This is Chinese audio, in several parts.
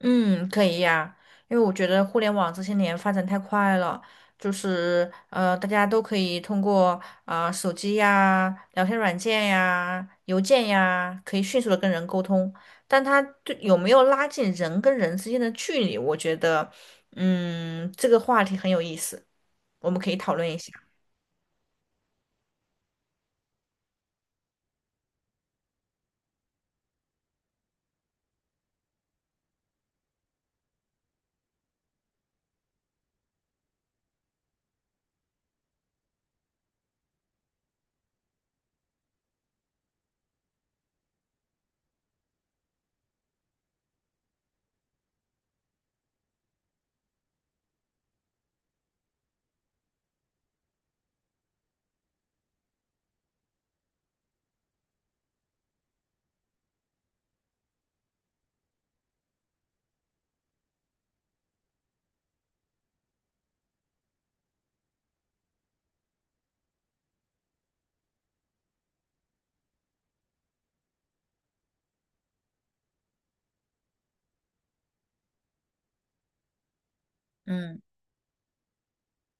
嗯，可以呀，因为我觉得互联网这些年发展太快了，就是大家都可以通过啊、手机呀、聊天软件呀、邮件呀，可以迅速的跟人沟通。但它对有没有拉近人跟人之间的距离，我觉得，嗯，这个话题很有意思，我们可以讨论一下。嗯。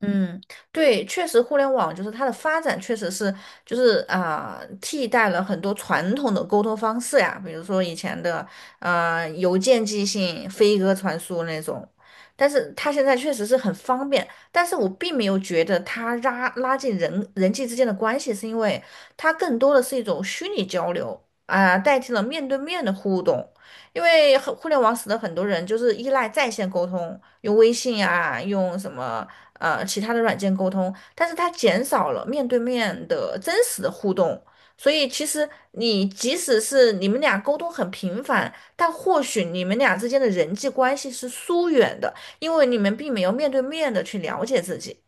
嗯，对，确实，互联网就是它的发展，确实是就是啊、替代了很多传统的沟通方式呀，比如说以前的邮件寄信、飞鸽传书那种，但是它现在确实是很方便，但是我并没有觉得它拉近人际之间的关系，是因为它更多的是一种虚拟交流啊、代替了面对面的互动，因为很互联网使得很多人就是依赖在线沟通，用微信啊，用什么。其他的软件沟通，但是它减少了面对面的真实的互动。所以其实你即使是你们俩沟通很频繁，但或许你们俩之间的人际关系是疏远的，因为你们并没有面对面的去了解自己。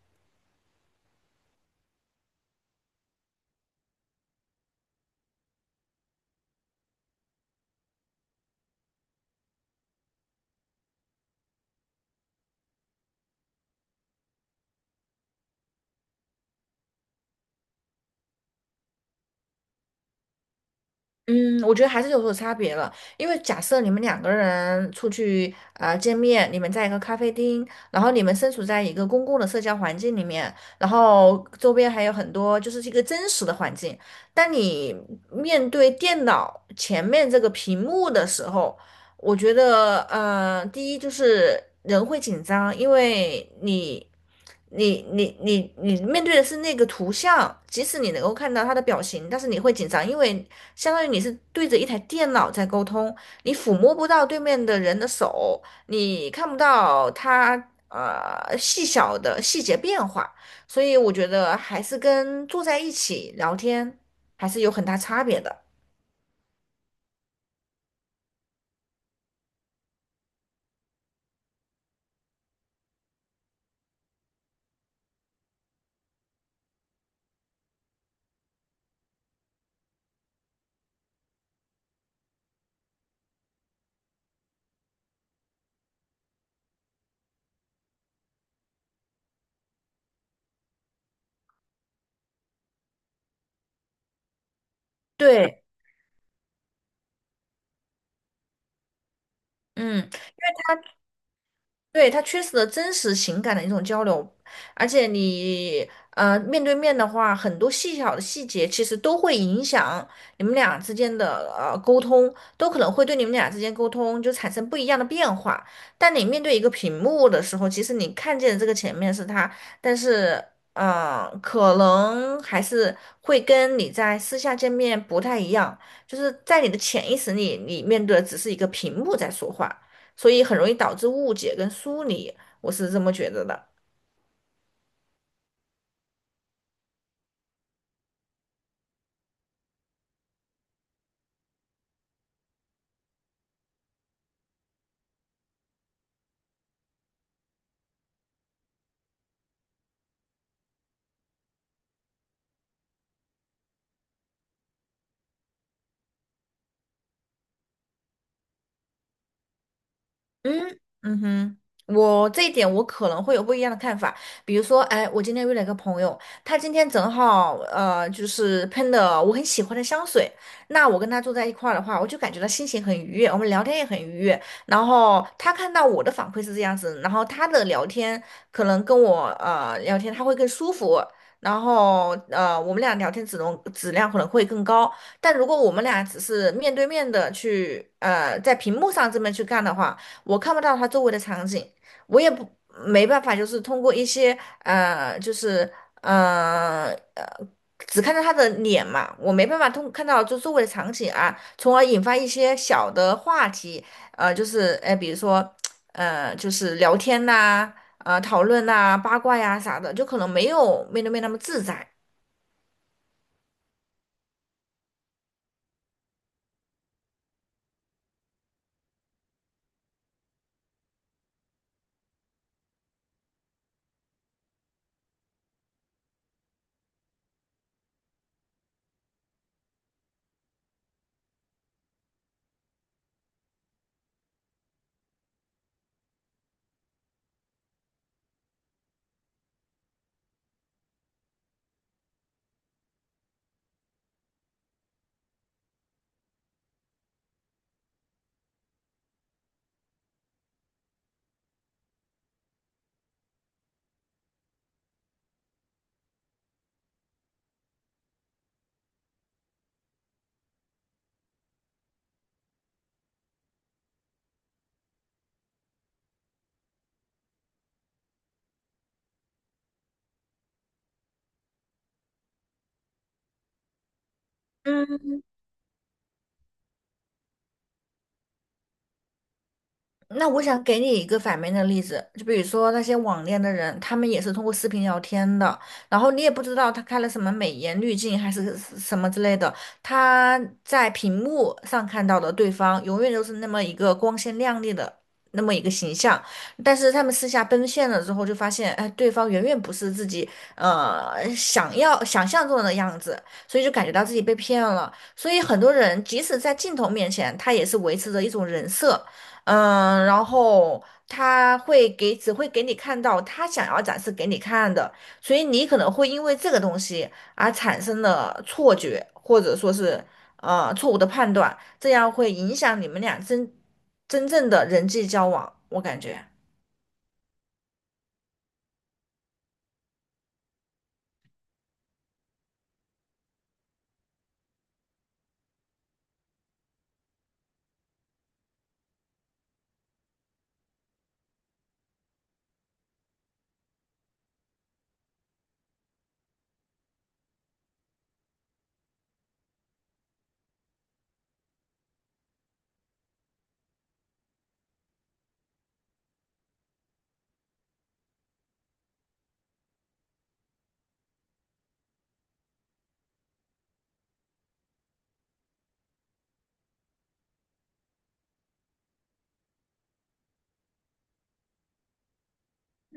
嗯，我觉得还是有所差别了，因为假设你们两个人出去啊见面，你们在一个咖啡厅，然后你们身处在一个公共的社交环境里面，然后周边还有很多就是一个真实的环境。当你面对电脑前面这个屏幕的时候，我觉得第一就是人会紧张，因为你。你面对的是那个图像，即使你能够看到他的表情，但是你会紧张，因为相当于你是对着一台电脑在沟通，你抚摸不到对面的人的手，你看不到他细小的细节变化，所以我觉得还是跟坐在一起聊天还是有很大差别的。对，嗯，对，他缺失的真实情感的一种交流，而且你面对面的话，很多细小的细节其实都会影响你们俩之间的沟通，都可能会对你们俩之间沟通就产生不一样的变化。但你面对一个屏幕的时候，其实你看见这个前面是他，但是可能还是会跟你在私下见面不太一样，就是在你的潜意识里，你面对的只是一个屏幕在说话。所以很容易导致误解跟疏离，我是这么觉得的。嗯嗯哼，我这一点我可能会有不一样的看法。比如说，哎，我今天约了一个朋友，他今天正好就是喷的我很喜欢的香水。那我跟他坐在一块儿的话，我就感觉到心情很愉悦，我们聊天也很愉悦。然后他看到我的反馈是这样子，然后他的聊天可能跟我聊天他会更舒服。然后，我们俩聊天质量可能会更高，但如果我们俩只是面对面的去，在屏幕上这么去干的话，我看不到他周围的场景，我也不没办法，就是通过一些呃，就是呃呃，只看到他的脸嘛，我没办法通看到就周围的场景啊，从而引发一些小的话题，就是比如说就是聊天呐、讨论呐、八卦呀、啥的，就可能没有面对面那么自在。嗯。那我想给你一个反面的例子，就比如说那些网恋的人，他们也是通过视频聊天的，然后你也不知道他开了什么美颜滤镜还是什么之类的，他在屏幕上看到的对方永远都是那么一个光鲜亮丽的那么一个形象，但是他们私下奔现了之后，就发现，哎，对方远远不是自己想要想象中的样子，所以就感觉到自己被骗了。所以很多人即使在镜头面前，他也是维持着一种人设。嗯，然后他会给，只会给你看到他想要展示给你看的，所以你可能会因为这个东西而产生了错觉，或者说是错误的判断，这样会影响你们俩真正的人际交往，我感觉。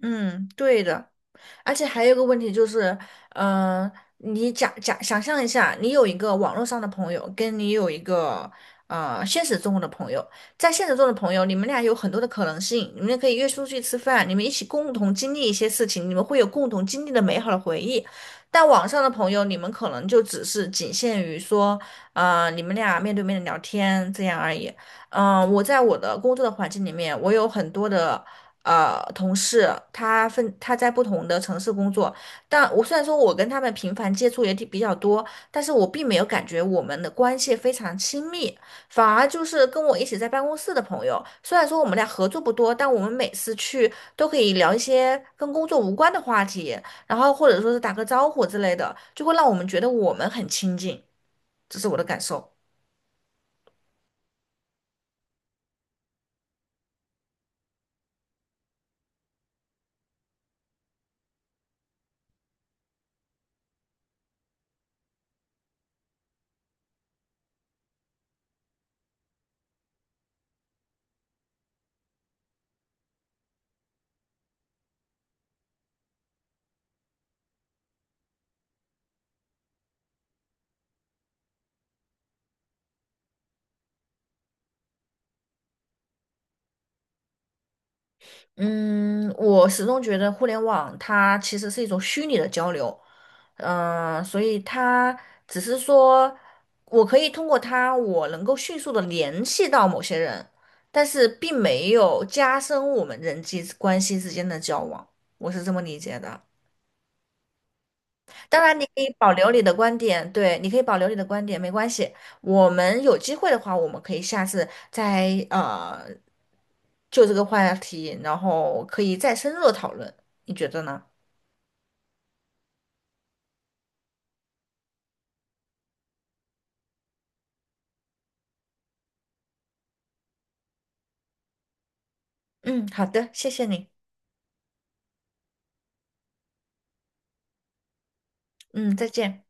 嗯，对的。而且还有一个问题就是，嗯、你假想象一下，你有一个网络上的朋友，跟你有一个现实中的朋友，在现实中的朋友，你们俩有很多的可能性，你们可以约出去吃饭，你们一起共同经历一些事情，你们会有共同经历的美好的回忆。但网上的朋友，你们可能就只是仅限于说，你们俩面对面的聊天这样而已。嗯、我在我的工作的环境里面，我有很多的同事，他在不同的城市工作，但我虽然说我跟他们频繁接触也挺比较多，但是我并没有感觉我们的关系非常亲密，反而就是跟我一起在办公室的朋友，虽然说我们俩合作不多，但我们每次去都可以聊一些跟工作无关的话题，然后或者说是打个招呼之类的，就会让我们觉得我们很亲近，这是我的感受。嗯，我始终觉得互联网它其实是一种虚拟的交流，嗯、所以它只是说我可以通过它，我能够迅速的联系到某些人，但是并没有加深我们人际关系之间的交往，我是这么理解的。当然，你可以保留你的观点，对，你可以保留你的观点，没关系。我们有机会的话，我们可以下次再呃就这个话题，然后可以再深入的讨论，你觉得呢？嗯，好的，谢谢你。嗯，再见。